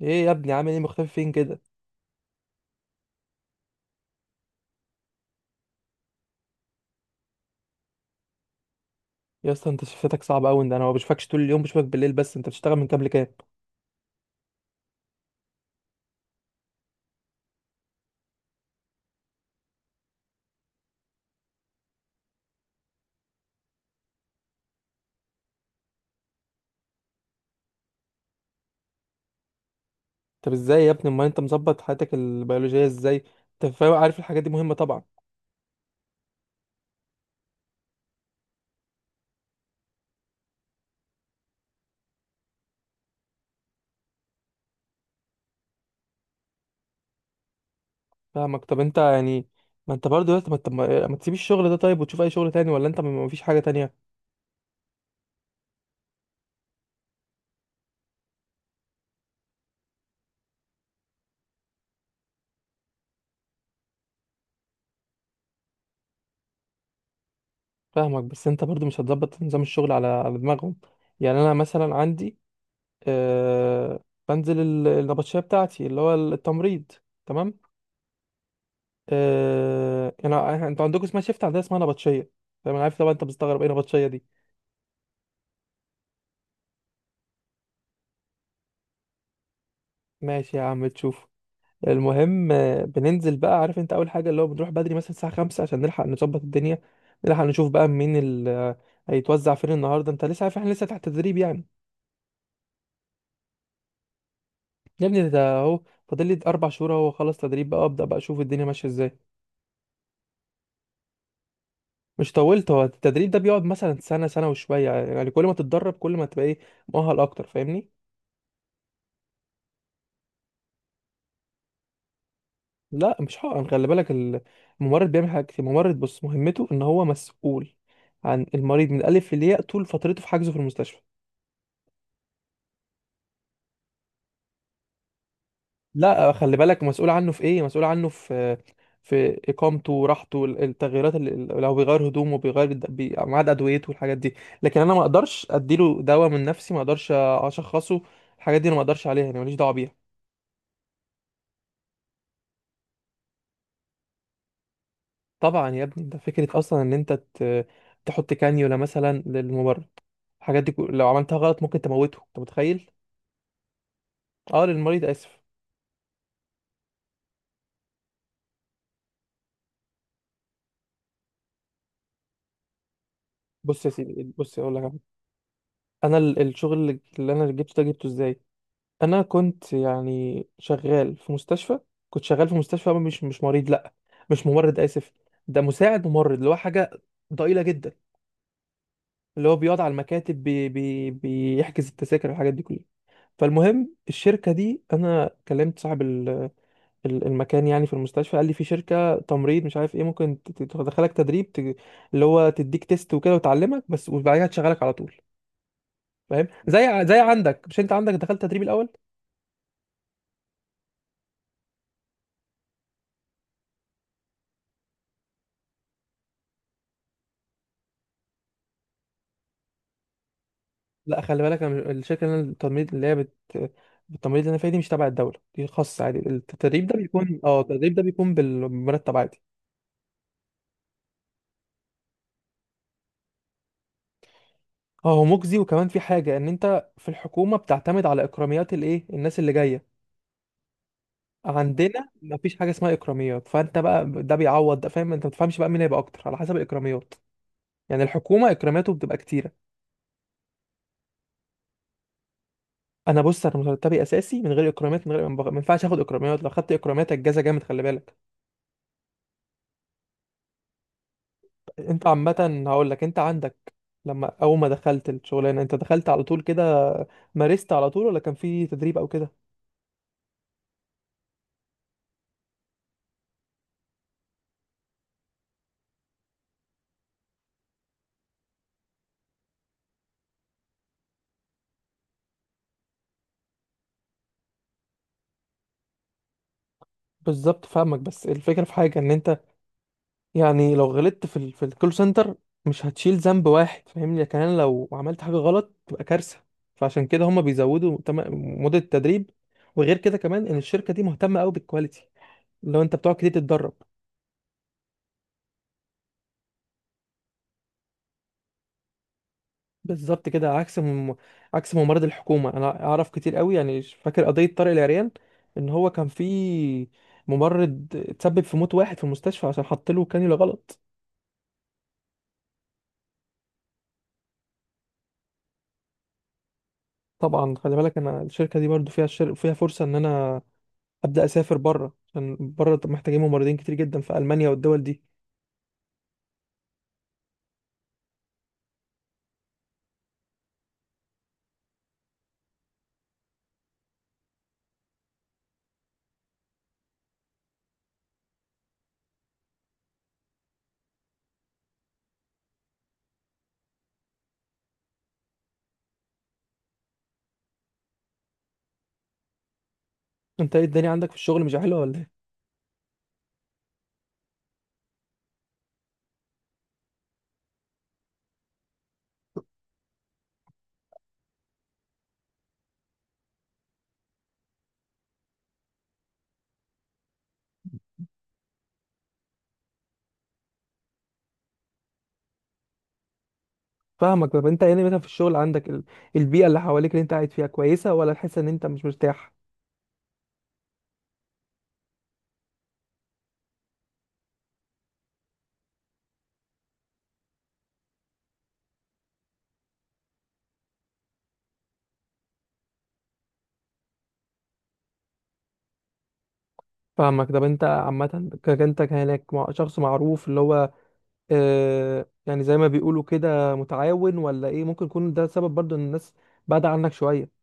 ايه يا ابني عامل ايه مختفي فين كده؟ يا اسطى انت شفتك صعب قوي ده، انا ما بشوفكش طول اليوم، بشوفك بالليل بس. انت بتشتغل من كام لكام؟ طب ازاي يا ابني؟ امال انت مظبط حياتك البيولوجيه ازاي؟ انت فاهم، عارف الحاجات دي مهمه طبعا. فاهمك. طب انت يعني، ما انت برضه يا اسطى، ما انت ما تسيب الشغل ده طيب وتشوف اي شغل تاني؟ ولا انت ما فيش حاجه تانية؟ فاهمك، بس انت برضه مش هتظبط نظام الشغل على دماغهم. يعني انا مثلا عندي، آه بنزل النبطشيه بتاعتي اللي هو التمريض. تمام. انا انتوا عندكم اسمها شيفت، عندنا اسمها نبطشيه. فاهم، انا عارف طبعا انت بتستغرب ايه نبطشيه دي. ماشي يا عم، تشوف. المهم، بننزل بقى، عارف انت اول حاجه اللي هو بنروح بدري مثلا الساعه 5 عشان نلحق نظبط الدنيا، نلحق نشوف بقى مين اللي هيتوزع فين النهارده. انت لسه عارف احنا لسه تحت تدريب يعني. يا ابني ده اهو فاضل لي 4 شهور، اهو خلص تدريب بقى، ابدا بقى اشوف الدنيا ماشيه ازاي. مش طولت، هو التدريب ده بيقعد مثلا سنه سنه وشويه، يعني كل ما تتدرب كل ما تبقى ايه، مؤهل اكتر، فاهمني. لا مش حقن، خلي بالك، الممرض بيعمل حاجة كتير. الممرض بص مهمته ان هو مسؤول عن المريض من الالف للياء طول فترته في حجزه في المستشفى. لا خلي بالك، مسؤول عنه في ايه؟ مسؤول عنه في في اقامته، راحته، التغييرات اللي لو بيغير هدومه، بيغير ميعاد ادويته والحاجات دي. لكن انا ما اقدرش اديله دواء من نفسي، ما اقدرش اشخصه. الحاجات دي انا ما اقدرش عليها، انا ماليش دعوه بيها. طبعا يا ابني، ده فكره اصلا ان انت تحط كانيولا مثلا للممرض. الحاجات دي لو عملتها غلط ممكن تموته، انت متخيل؟ اه للمريض، اسف. بص يا سيدي، بص اقول لك على حاجة. انا الشغل اللي انا جبته ده جبته ازاي؟ انا كنت يعني شغال في مستشفى، كنت شغال في مستشفى. مش مريض لا، مش ممرض، اسف. ده مساعد ممرض، اللي هو حاجه ضئيله جدا، اللي هو بيقعد على المكاتب، بي بيحجز التذاكر والحاجات دي كلها. فالمهم الشركه دي انا كلمت صاحب المكان يعني في المستشفى، قال لي في شركه تمريض مش عارف ايه ممكن تدخلك تدريب، اللي هو تديك تيست وكده وتعلمك بس، وبعدها تشغلك على طول. فاهم، زي، زي عندك. مش انت عندك دخلت تدريب الاول؟ لا خلي بالك، انا الشركه اللي أنا، التمريض اللي هي التمريض اللي انا فيها دي مش تبع الدوله، دي خاصه عادي. التدريب ده بيكون، التدريب ده بيكون بالمرتب عادي. اه هو مجزي، وكمان في حاجه ان انت في الحكومه بتعتمد على اكراميات الايه، الناس اللي جايه. عندنا مفيش حاجه اسمها اكراميات، فانت بقى ده بيعوض ده. فاهم؟ انت ما بتفهمش بقى مين هيبقى اكتر على حسب الاكراميات. يعني الحكومه اكراماته بتبقى كتيره. انا بص، انا مرتبي اساسي من غير اكرامات، من غير، ما ينفعش اخد اكراميات. لو خدت اكرامات الجزا جامد، خلي بالك. انت عامة هقول لك، انت عندك، لما اول ما دخلت الشغلانة انت دخلت على طول كده، مارست على طول، ولا كان في تدريب او كده؟ بالظبط، فاهمك. بس الفكرة في حاجة ان انت يعني لو غلطت في الكول سنتر، مش هتشيل ذنب واحد، فاهمني. لكن انا لو عملت حاجة غلط تبقى كارثة. فعشان كده هما بيزودوا مدة التدريب. وغير كده كمان ان الشركة دي مهتمة قوي بالكواليتي، لو انت بتقعد كتير تتدرب. بالظبط كده، عكس عكس ممرض الحكومه. انا اعرف كتير قوي، يعني فاكر قضيه طارق العريان ان هو كان في ممرض اتسبب في موت واحد في المستشفى عشان حط له كانيولا غلط. طبعا، خلي بالك انا الشركه دي برضو فيها فيها فرصه ان انا ابدا اسافر بره، عشان بره محتاجين ممرضين كتير جدا في المانيا والدول دي. انت ايه الدنيا عندك في الشغل مش حلوه ولا ايه؟ فاهمك. طب انت يعني مثلا في الشغل عندك، البيئه اللي حواليك اللي انت قاعد فيها كويسه، ولا تحس ان انت مش مرتاح؟ فاهمك. طب انت عامة ك- انت كانك مع- شخص معروف، اللي هو يعني زي ما بيقولوا كده متعاون، ولا ايه؟ ممكن يكون ده سبب برضو ان الناس بعد عنك شوية.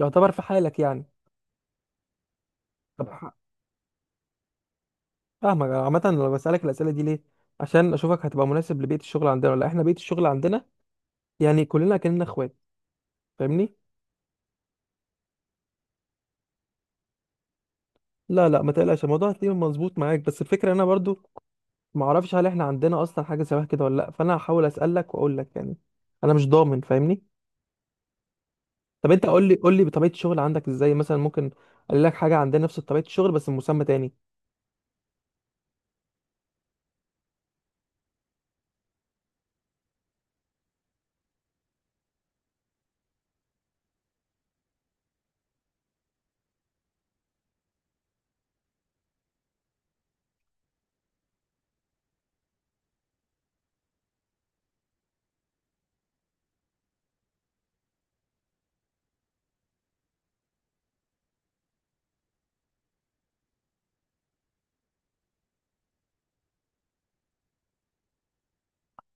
يعتبر في حالك يعني. طب ح- فاهمك. عامة لو بسألك الأسئلة دي ليه، عشان أشوفك هتبقى مناسب لبيئة الشغل عندنا ولا لأ. احنا بيئة الشغل عندنا يعني كلنا كأننا اخوات، فاهمني. لا لا ما تقلقش، الموضوع هتلاقيه مظبوط معاك، بس الفكرة انا برضو ما اعرفش هل احنا عندنا اصلا حاجة شبه كده ولا لا، فانا هحاول أسألك واقول لك يعني. انا مش ضامن، فاهمني. طب انت قول لي بطبيعه الشغل عندك ازاي، مثلا ممكن اقول لك حاجه عندنا نفس طبيعه الشغل بس مسمى تاني.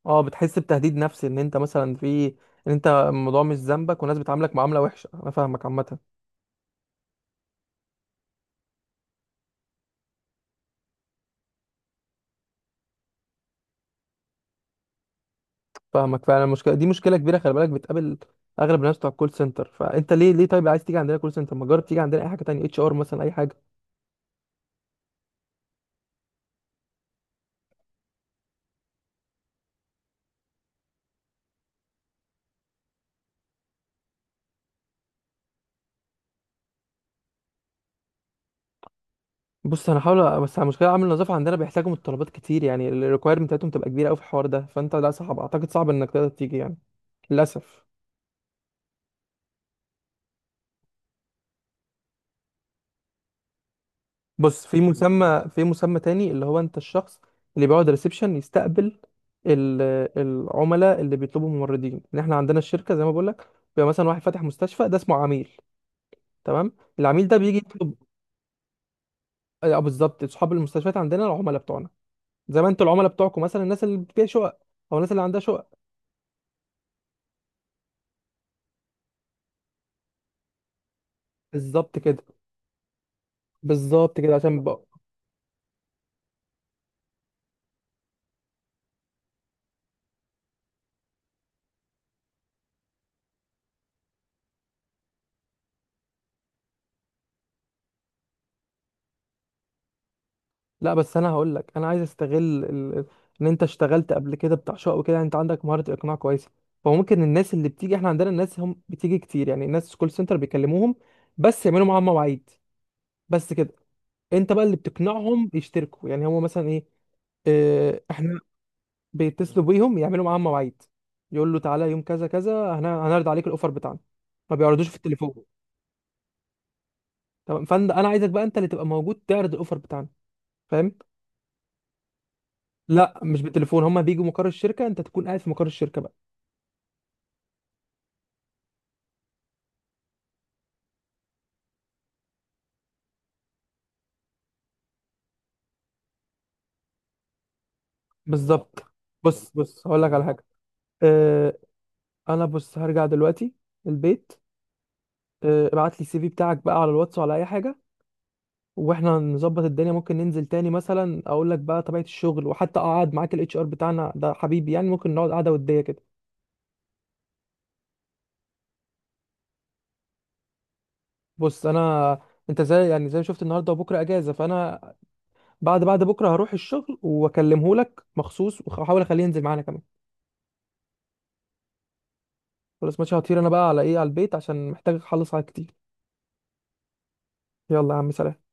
اه بتحس بتهديد نفسي ان انت مثلا في، ان انت الموضوع مش ذنبك والناس بتعاملك معامله وحشه. انا فاهمك عامه. فاهمك فعلا، المشكله دي مشكله كبيره، خلي بالك بتقابل اغلب الناس بتوع الكول سنتر. فانت ليه طيب عايز تيجي عندنا كول سنتر؟ ما جرب تيجي عندنا اي حاجه تانية، اتش ار مثلا، اي حاجه. بص انا هحاول، بس المشكله عامل النظافه عندنا بيحتاجوا متطلبات كتير، يعني الريكويرمنت بتاعتهم تبقى كبيره قوي في الحوار ده. فانت لا، صعب، اعتقد صعب انك تقدر تيجي يعني، للاسف. بص في مسمى تاني، اللي هو انت الشخص اللي بيقعد ريسبشن، يستقبل ال- العملاء اللي بيطلبوا ممرضين. ان احنا عندنا الشركه زي ما بقول لك، بيبقى مثلا واحد فاتح مستشفى، ده اسمه عميل. تمام. العميل ده بيجي يطلب. بالظبط، اصحاب المستشفيات عندنا العملاء بتوعنا، زي ما انتوا العملاء بتوعكم مثلا الناس اللي فيها شقق او الناس اللي عندها شقق. بالظبط كده. بالظبط كده عشان بقى، لا بس انا هقول لك، انا عايز استغل ان انت اشتغلت قبل كده بتاع شقق وكده، يعني انت عندك مهاره الاقناع كويسه. فممكن الناس اللي بتيجي، احنا عندنا الناس هم بتيجي كتير، يعني الناس كول سنتر بيكلموهم بس يعملوا معاهم مواعيد، بس كده. انت بقى اللي بتقنعهم يشتركوا، يعني هو مثلا ايه؟ اه احنا بيتصلوا بيهم يعملوا معاهم مواعيد، يقول له تعالى يوم كذا كذا، هنعرض عليك الاوفر بتاعنا، ما بيعرضوش في التليفون. تمام، فانا عايزك بقى انت اللي تبقى موجود تعرض الاوفر بتاعنا، فاهم؟ لا مش بالتليفون، هما بيجوا مقر الشركه، انت تكون قاعد في مقر الشركه بقى. بالظبط. بص هقول لك على حاجه. اه، انا بص هرجع دلوقتي البيت. اه ابعت لي السي في بتاعك بقى على الواتس وعلى اي حاجه، واحنا نظبط الدنيا. ممكن ننزل تاني مثلا اقول لك بقى طبيعه الشغل، وحتى اقعد معاك الاتش ار بتاعنا ده حبيبي يعني، ممكن نقعد قعده وديه كده. بص انا، انت زي، يعني زي ما شفت النهارده، وبكره اجازه، فانا بعد بكره هروح الشغل واكلمه لك مخصوص، واحاول اخليه ينزل معانا كمان. خلاص ماشي، هطير انا بقى على البيت عشان محتاج اخلص حاجات كتير. يلا يا عم، سلام.